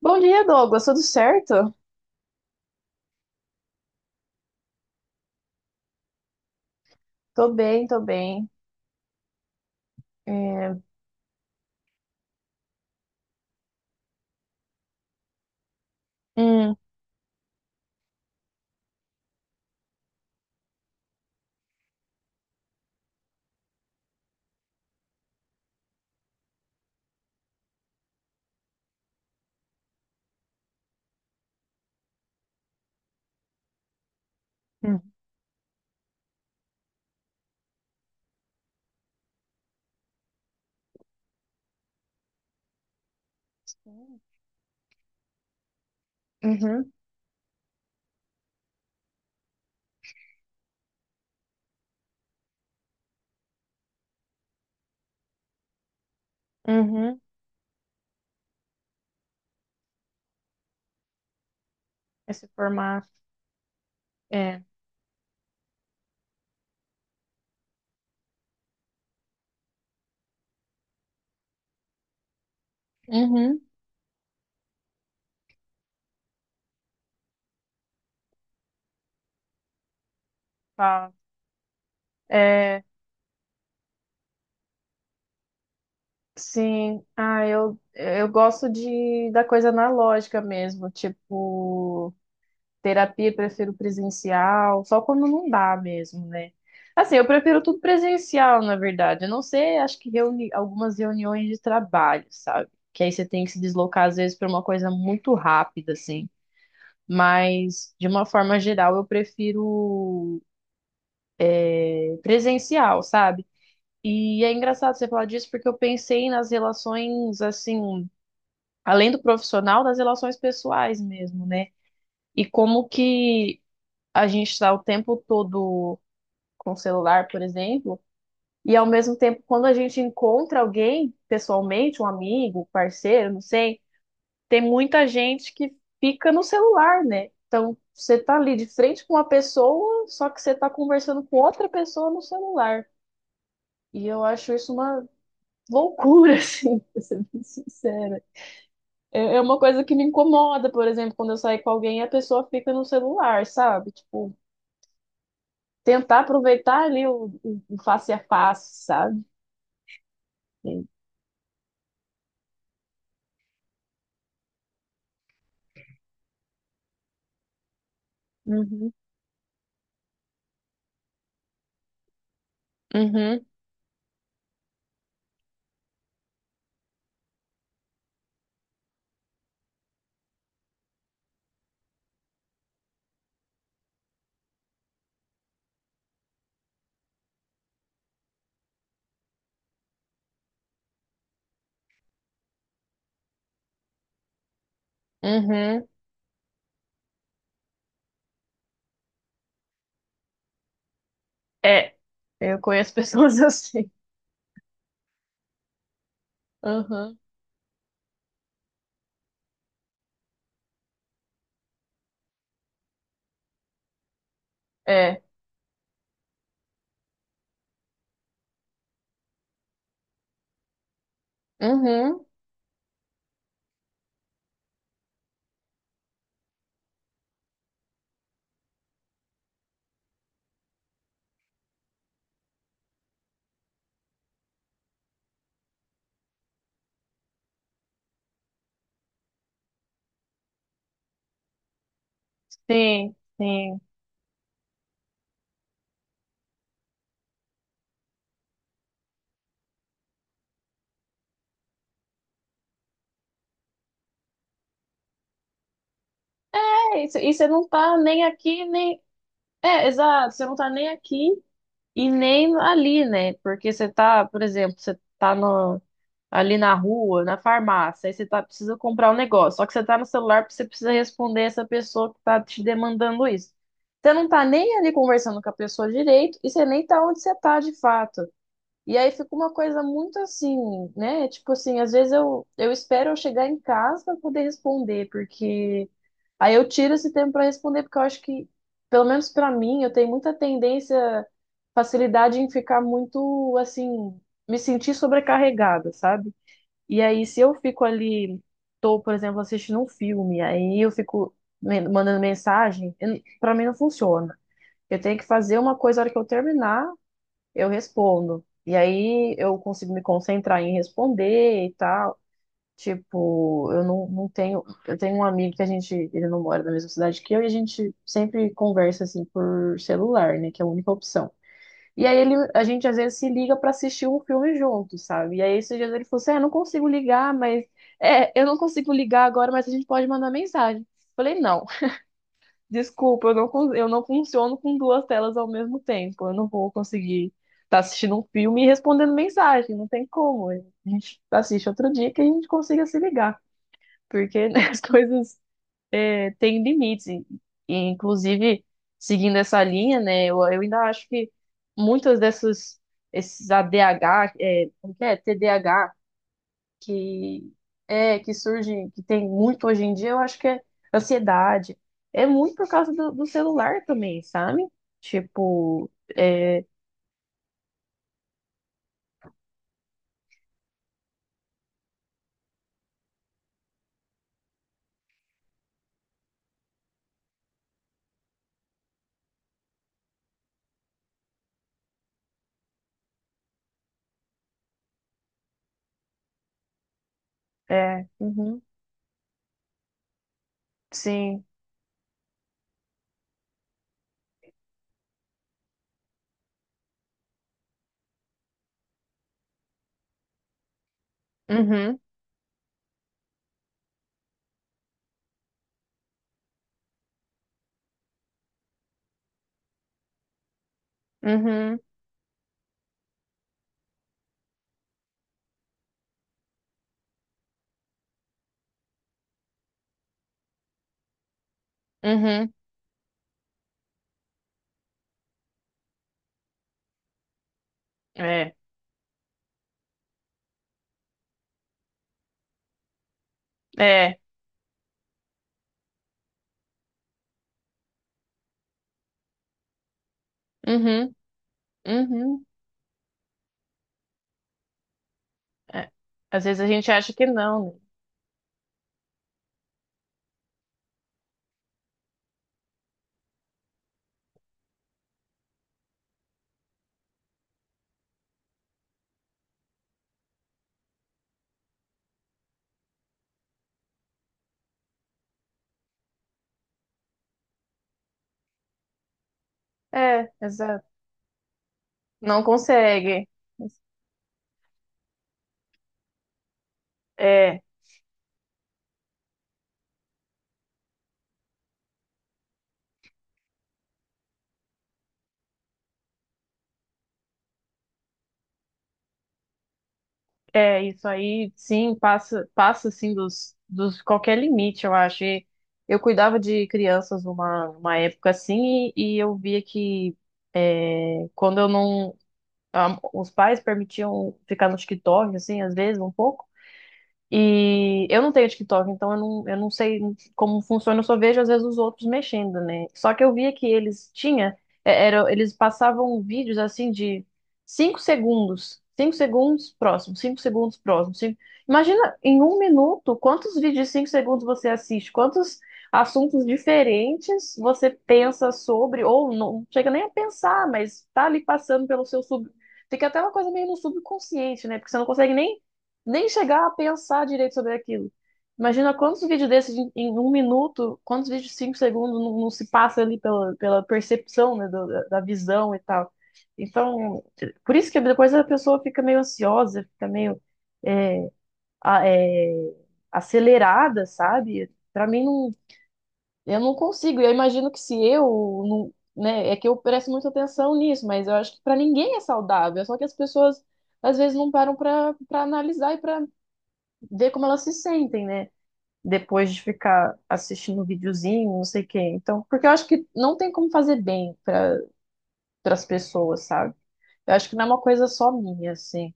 Bom dia, Douglas. Tudo certo? Tô bem, tô bem. É, hum, hum, uhum, uhum. Esse formato. É. Uhum. Fala. É, sim. Ah, eu gosto de da coisa analógica mesmo. Tipo, terapia prefiro presencial, só quando não dá mesmo, né? Assim, eu prefiro tudo presencial, na verdade. Eu não sei, acho que reuni algumas reuniões de trabalho, sabe? Que aí você tem que se deslocar às vezes para uma coisa muito rápida, assim. Mas de uma forma geral, eu prefiro presencial, sabe? E é engraçado você falar disso porque eu pensei nas relações assim, além do profissional, das relações pessoais mesmo, né? E como que a gente está o tempo todo com o celular, por exemplo, e ao mesmo tempo, quando a gente encontra alguém pessoalmente, um amigo, um parceiro, não sei, tem muita gente que fica no celular, né? Então, você tá ali de frente com uma pessoa, só que você tá conversando com outra pessoa no celular. E eu acho isso uma loucura, assim, pra ser bem sincera. É uma coisa que me incomoda, por exemplo, quando eu saio com alguém e a pessoa fica no celular, sabe? Tipo, tentar aproveitar ali o face a face, sabe? Uhum. Uhum, uhum. É, eu conheço pessoas assim. Uhum, é. Uhum, sim, sim. É isso, e você não tá nem aqui, nem. É, exato, você não tá nem aqui e nem ali, né? Porque você tá, por exemplo, você tá no, ali na rua, na farmácia, aí você tá, precisa comprar um negócio. Só que você tá no celular porque você precisa responder essa pessoa que tá te demandando isso. Você não tá nem ali conversando com a pessoa direito e você nem tá onde você tá de fato. E aí fica uma coisa muito assim, né? Tipo assim, às vezes eu espero eu chegar em casa para poder responder, porque aí eu tiro esse tempo para responder, porque eu acho que, pelo menos para mim, eu tenho muita tendência, facilidade em ficar muito assim, me sentir sobrecarregada, sabe? E aí se eu fico ali, tô, por exemplo, assistindo um filme, aí eu fico mandando mensagem, para mim não funciona. Eu tenho que fazer uma coisa na hora que eu terminar eu respondo. E aí eu consigo me concentrar em responder e tal. Tipo, eu não tenho. Eu tenho um amigo que a gente. Ele não mora na mesma cidade que eu e a gente sempre conversa assim por celular, né? Que é a única opção. E aí ele, a gente às vezes se liga pra assistir um filme junto, sabe? E aí esses dias ele falou assim: é, não consigo ligar, mas. É, eu não consigo ligar agora, mas a gente pode mandar mensagem. Falei, não. Desculpa, eu não funciono com duas telas ao mesmo tempo. Eu não vou conseguir estar assistindo um filme e respondendo mensagem. Não tem como. A gente assiste outro dia que a gente consiga se ligar. Porque né, as coisas têm limites. E, inclusive, seguindo essa linha, né, eu ainda acho que muitas dessas, esses ADH, como que é? TDAH, que é que surge, que tem muito hoje em dia, eu acho que é ansiedade. É muito por causa do celular também, sabe? Tipo, é, é, uhum, sim, uhum, uhum, uhum, é, é, uhum, uhum, é. Às vezes a gente acha que não, né? É, exato. Não consegue. É. É, isso aí, sim, passa assim dos qualquer limite, eu acho. E eu cuidava de crianças numa época assim e eu via que quando eu não, os pais permitiam ficar no TikTok, assim, às vezes um pouco. E eu não tenho TikTok, então eu não sei como funciona, eu só vejo às vezes os outros mexendo, né? Só que eu via que eles tinha, eles passavam vídeos assim de 5 segundos, 5 segundos próximo, 5 segundos próximo. Imagina em um minuto quantos vídeos de 5 segundos você assiste, quantos assuntos diferentes você pensa sobre, ou não chega nem a pensar, mas tá ali passando pelo seu sub. Fica até uma coisa meio no subconsciente, né? Porque você não consegue nem chegar a pensar direito sobre aquilo. Imagina quantos vídeos desses em um minuto, quantos vídeos de 5 segundos não se passa ali pela percepção, né, da visão e tal. Então, por isso que depois a pessoa fica meio ansiosa, fica meio é, a- é, acelerada, sabe? Pra mim, não, eu não consigo. Eu imagino que se eu, não, né, é que eu presto muita atenção nisso, mas eu acho que pra ninguém é saudável. É. Só que as pessoas às vezes não param pra analisar e pra ver como elas se sentem, né? Depois de ficar assistindo um videozinho, não sei o quê. Então, porque eu acho que não tem como fazer bem para as pessoas, sabe? Eu acho que não é uma coisa só minha, assim.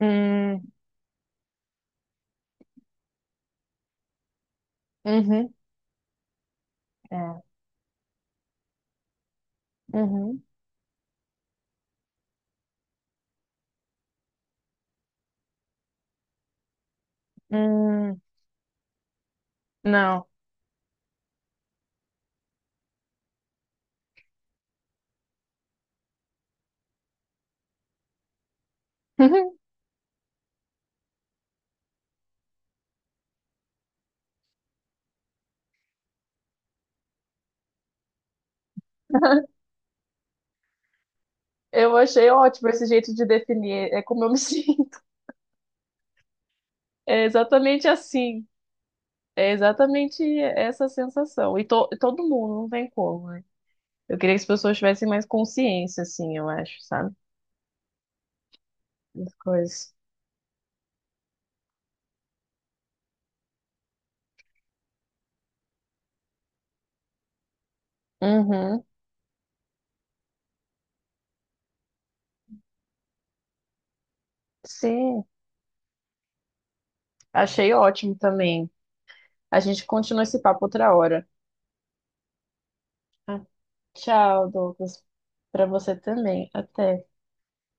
Hum, uhum, é, uhum, hum, não. Eu achei ótimo esse jeito de definir, é como eu me sinto. É exatamente assim. É exatamente essa sensação. E todo mundo, não tem como, né? Eu queria que as pessoas tivessem mais consciência, assim, eu acho, sabe? Das coisas. Uhum, sim, achei ótimo também. A gente continua esse papo outra hora. Ah, tchau, Douglas. Para você também. Até.